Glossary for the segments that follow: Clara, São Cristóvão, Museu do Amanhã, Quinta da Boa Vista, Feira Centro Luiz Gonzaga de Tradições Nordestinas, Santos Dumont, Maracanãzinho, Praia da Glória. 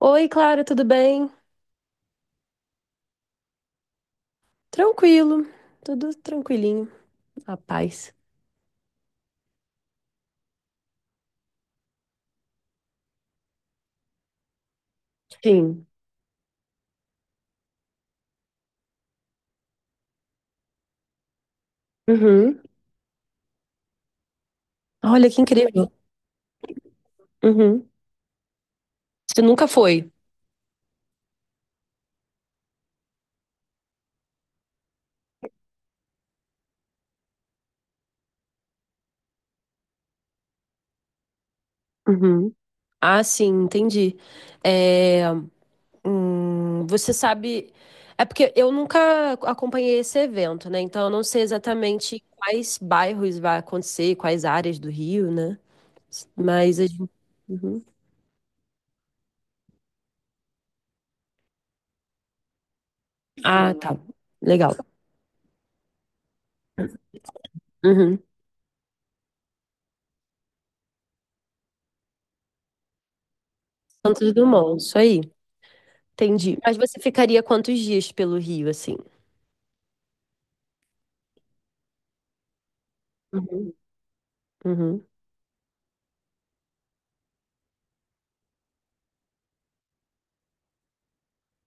Oi, Clara, tudo bem? Tranquilo, tudo tranquilinho, a paz. Sim. Uhum. Olha que incrível. Uhum. Você nunca foi? Uhum. Ah, sim, entendi. É, você sabe. É porque eu nunca acompanhei esse evento, né? Então eu não sei exatamente quais bairros vai acontecer, quais áreas do Rio, né? Mas a gente. Uhum. Ah, tá. Legal. Uhum. Santos Dumont, isso aí. Entendi. Mas você ficaria quantos dias pelo Rio, assim? Uhum. Uhum.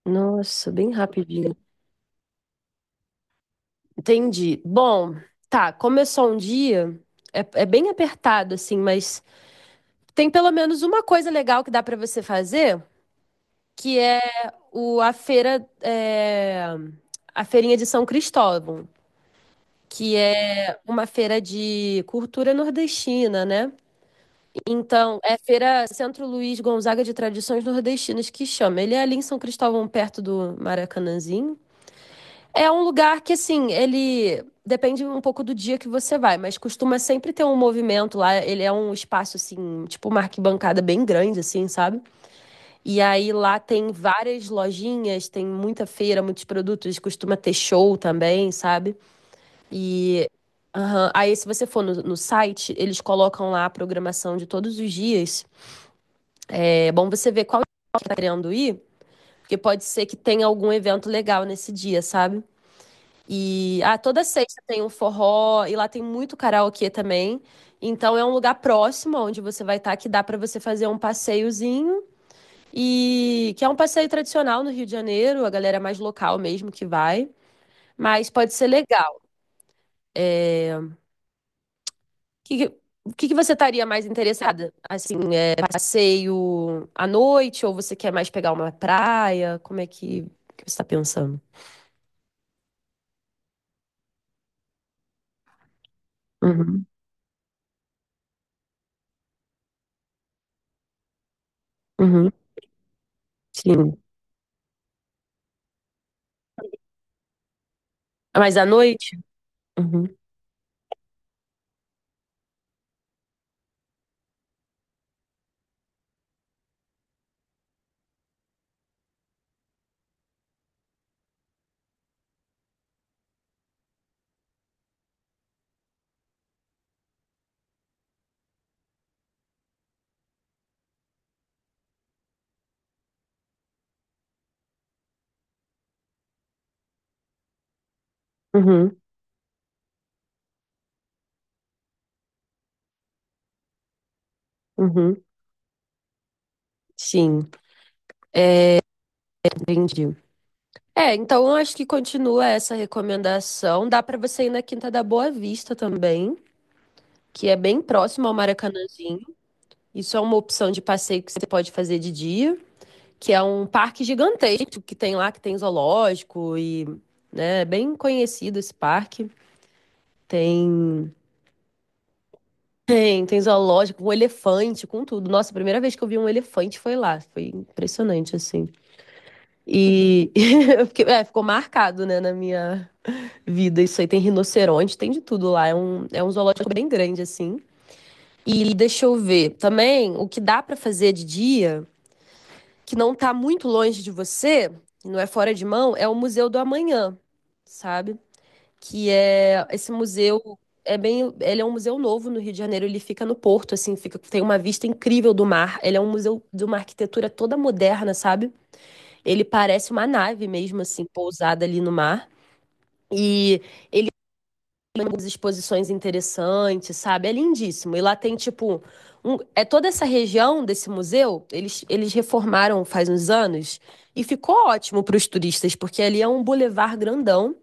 Nossa, bem rapidinho. Entendi. Bom, tá, como é só um dia, é, é bem apertado, assim, mas tem pelo menos uma coisa legal que dá pra você fazer, que é o, a feira, é, a feirinha de São Cristóvão, que é uma feira de cultura nordestina, né? Então, é Feira Centro Luiz Gonzaga de Tradições Nordestinas que chama. Ele é ali em São Cristóvão, perto do Maracanãzinho. É um lugar que, assim, ele depende um pouco do dia que você vai, mas costuma sempre ter um movimento lá. Ele é um espaço, assim, tipo uma arquibancada bem grande, assim, sabe? E aí lá tem várias lojinhas, tem muita feira, muitos produtos, costuma ter show também, sabe? E aham. Aí, se você for no, no site, eles colocam lá a programação de todos os dias. É bom você ver qual que tá querendo ir, porque pode ser que tenha algum evento legal nesse dia, sabe? E ah, toda sexta tem um forró e lá tem muito karaokê também. Então é um lugar próximo onde você vai estar que dá para você fazer um passeiozinho e que é um passeio tradicional no Rio de Janeiro, a galera mais local mesmo que vai, mas pode ser legal. O que, o que que você estaria mais interessada? Assim, é passeio à noite ou você quer mais pegar uma praia? Como é que você está pensando? Uhum, uhum, sim. Mas à noite? Uhum, uhum, uhum, sim, entendi. É, então eu acho que continua essa recomendação. Dá para você ir na Quinta da Boa Vista também, que é bem próximo ao Maracanãzinho. Isso é uma opção de passeio que você pode fazer de dia, que é um parque gigantesco que tem lá, que tem zoológico e, né, é bem conhecido esse parque. Tem, tem, tem zoológico, com elefante, com tudo. Nossa, a primeira vez que eu vi um elefante foi lá. Foi impressionante, assim. E é, ficou marcado, né, na minha vida. Isso aí tem rinoceronte, tem de tudo lá. É um zoológico bem grande, assim. E deixa eu ver. Também, o que dá pra fazer de dia, que não tá muito longe de você, não é fora de mão, é o Museu do Amanhã, sabe? Que é esse museu. É bem, ele é um museu novo no Rio de Janeiro, ele fica no Porto, assim, fica, tem uma vista incrível do mar. Ele é um museu de uma arquitetura toda moderna, sabe? Ele parece uma nave mesmo, assim, pousada ali no mar. E tem algumas exposições interessantes, sabe? É lindíssimo. E lá tem, tipo, é toda essa região desse museu, eles reformaram faz uns anos e ficou ótimo para os turistas, porque ali é um bulevar grandão,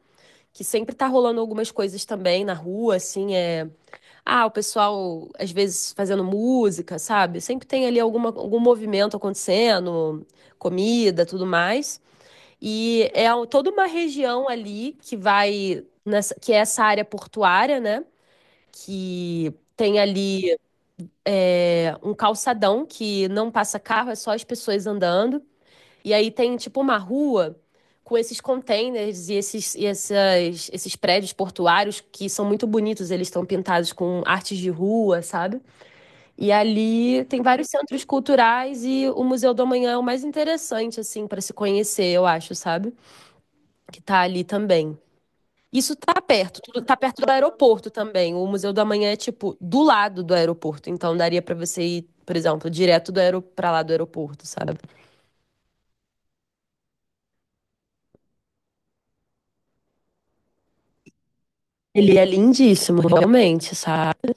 que sempre tá rolando algumas coisas também na rua, assim, é... Ah, o pessoal, às vezes, fazendo música, sabe? Sempre tem ali alguma, algum movimento acontecendo, comida, tudo mais. E é toda uma região ali que vai, que é essa área portuária, né? Que tem ali é, um calçadão que não passa carro, é só as pessoas andando. E aí tem tipo uma rua com esses containers e esses, esses prédios portuários que são muito bonitos, eles estão pintados com artes de rua, sabe? E ali tem vários centros culturais e o Museu do Amanhã é o mais interessante, assim, para se conhecer, eu acho, sabe? Que tá ali também. Isso tá perto, tudo tá perto do aeroporto também. O Museu do Amanhã é tipo do lado do aeroporto, então daria pra você ir, por exemplo, direto do aero para lá do aeroporto, sabe? Ele é lindíssimo, realmente, sabe?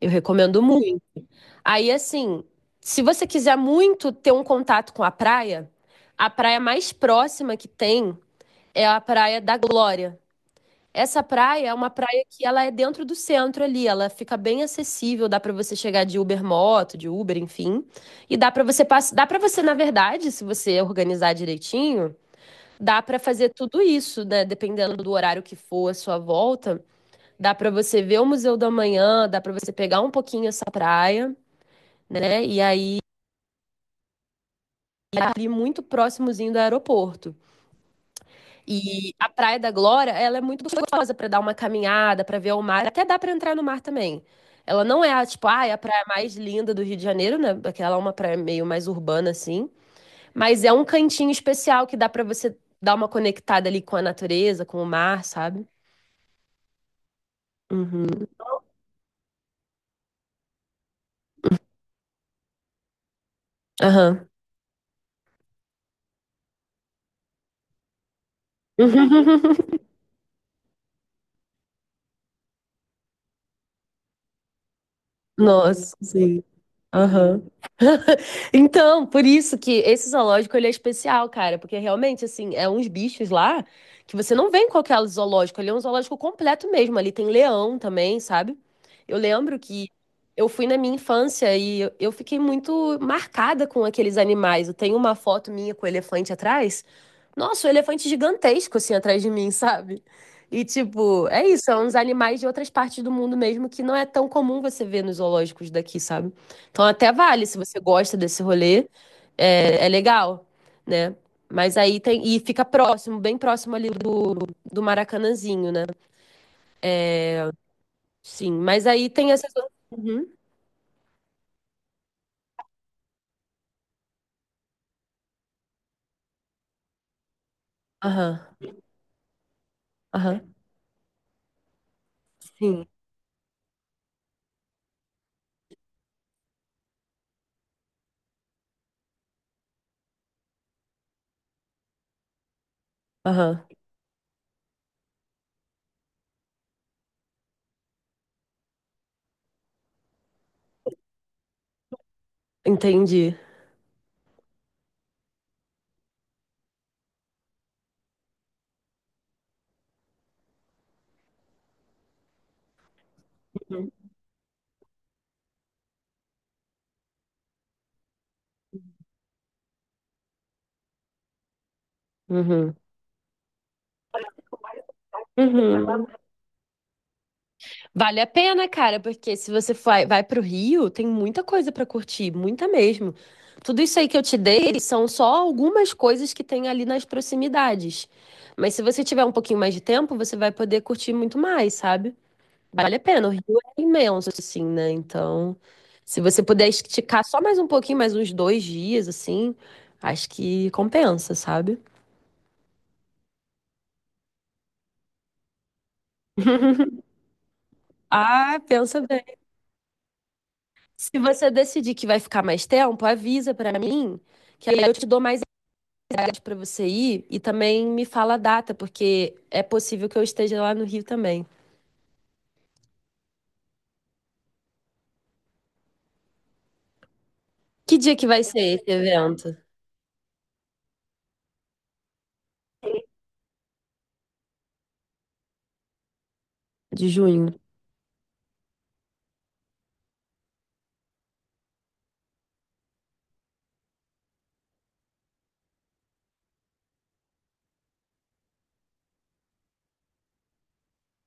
Eu recomendo muito. Aí assim, se você quiser muito ter um contato com a praia mais próxima que tem é a Praia da Glória. Essa praia é uma praia que ela é dentro do centro ali, ela fica bem acessível, dá pra você chegar de Uber moto, de Uber, enfim, e dá para você, na verdade, se você organizar direitinho, dá pra fazer tudo isso, né? Dependendo do horário que for a sua volta, dá pra você ver o Museu da Manhã, dá pra você pegar um pouquinho essa praia, né? E aí é ali muito próximozinho do aeroporto. E a Praia da Glória, ela é muito gostosa para dar uma caminhada, para ver o mar, até dá para entrar no mar também. Ela não é a, tipo, ah, é a praia mais linda do Rio de Janeiro, né? Porque ela é uma praia meio mais urbana assim, mas é um cantinho especial que dá para você dar uma conectada ali com a natureza, com o mar, sabe? Uhum. Aham. Nossa, sim. Aham. Então, por isso que esse zoológico ele é especial, cara, porque realmente assim, é uns bichos lá que você não vê em qualquer zoológico, ele é um zoológico completo mesmo, ali tem leão também, sabe? Eu lembro que eu fui na minha infância e eu fiquei muito marcada com aqueles animais. Eu tenho uma foto minha com o elefante atrás. Nossa, o elefante gigantesco assim atrás de mim, sabe? E tipo, é isso, são uns animais de outras partes do mundo mesmo que não é tão comum você ver nos zoológicos daqui, sabe? Então até vale, se você gosta desse rolê, é, é legal, né? Mas aí tem. E fica próximo, bem próximo ali do, do Maracanãzinho, né? Sim. Mas aí tem essas. Uhum. Aham. Aham. Sim. Aham. Entendi. Uhum. Uhum. Vale a pena, cara, porque se você vai, vai pro Rio, tem muita coisa pra curtir, muita mesmo. Tudo isso aí que eu te dei são só algumas coisas que tem ali nas proximidades. Mas se você tiver um pouquinho mais de tempo, você vai poder curtir muito mais, sabe? Vale a pena. O Rio é imenso, assim, né? Então, se você puder esticar só mais um pouquinho, mais uns dois dias, assim, acho que compensa, sabe? Ah, pensa bem. Se você decidir que vai ficar mais tempo, avisa pra mim, que aí eu te dou mais idade pra você ir e também me fala a data, porque é possível que eu esteja lá no Rio também. Que dia que vai ser esse evento? De junho?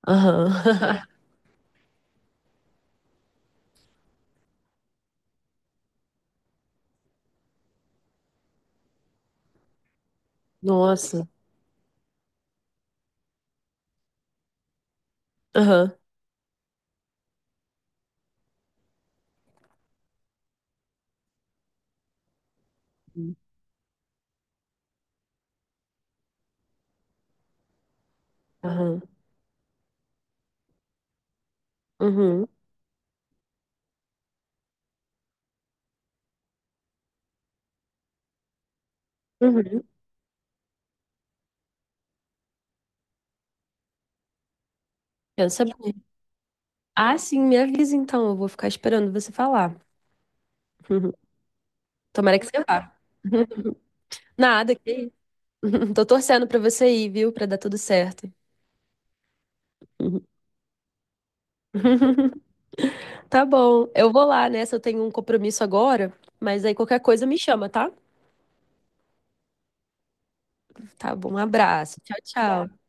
Aham. Nossa. Aham. Aham. Uhum. Uhum. Pensa bem. Ah, sim, me avisa então, eu vou ficar esperando você falar. Uhum. Tomara que você vá. Nada, que isso. Tô torcendo pra você ir, viu? Pra dar tudo certo. Uhum. Tá bom. Eu vou lá, né? Se eu tenho um compromisso agora, mas aí qualquer coisa me chama, tá? Tá bom. Um abraço. Tchau, tá. Tchau.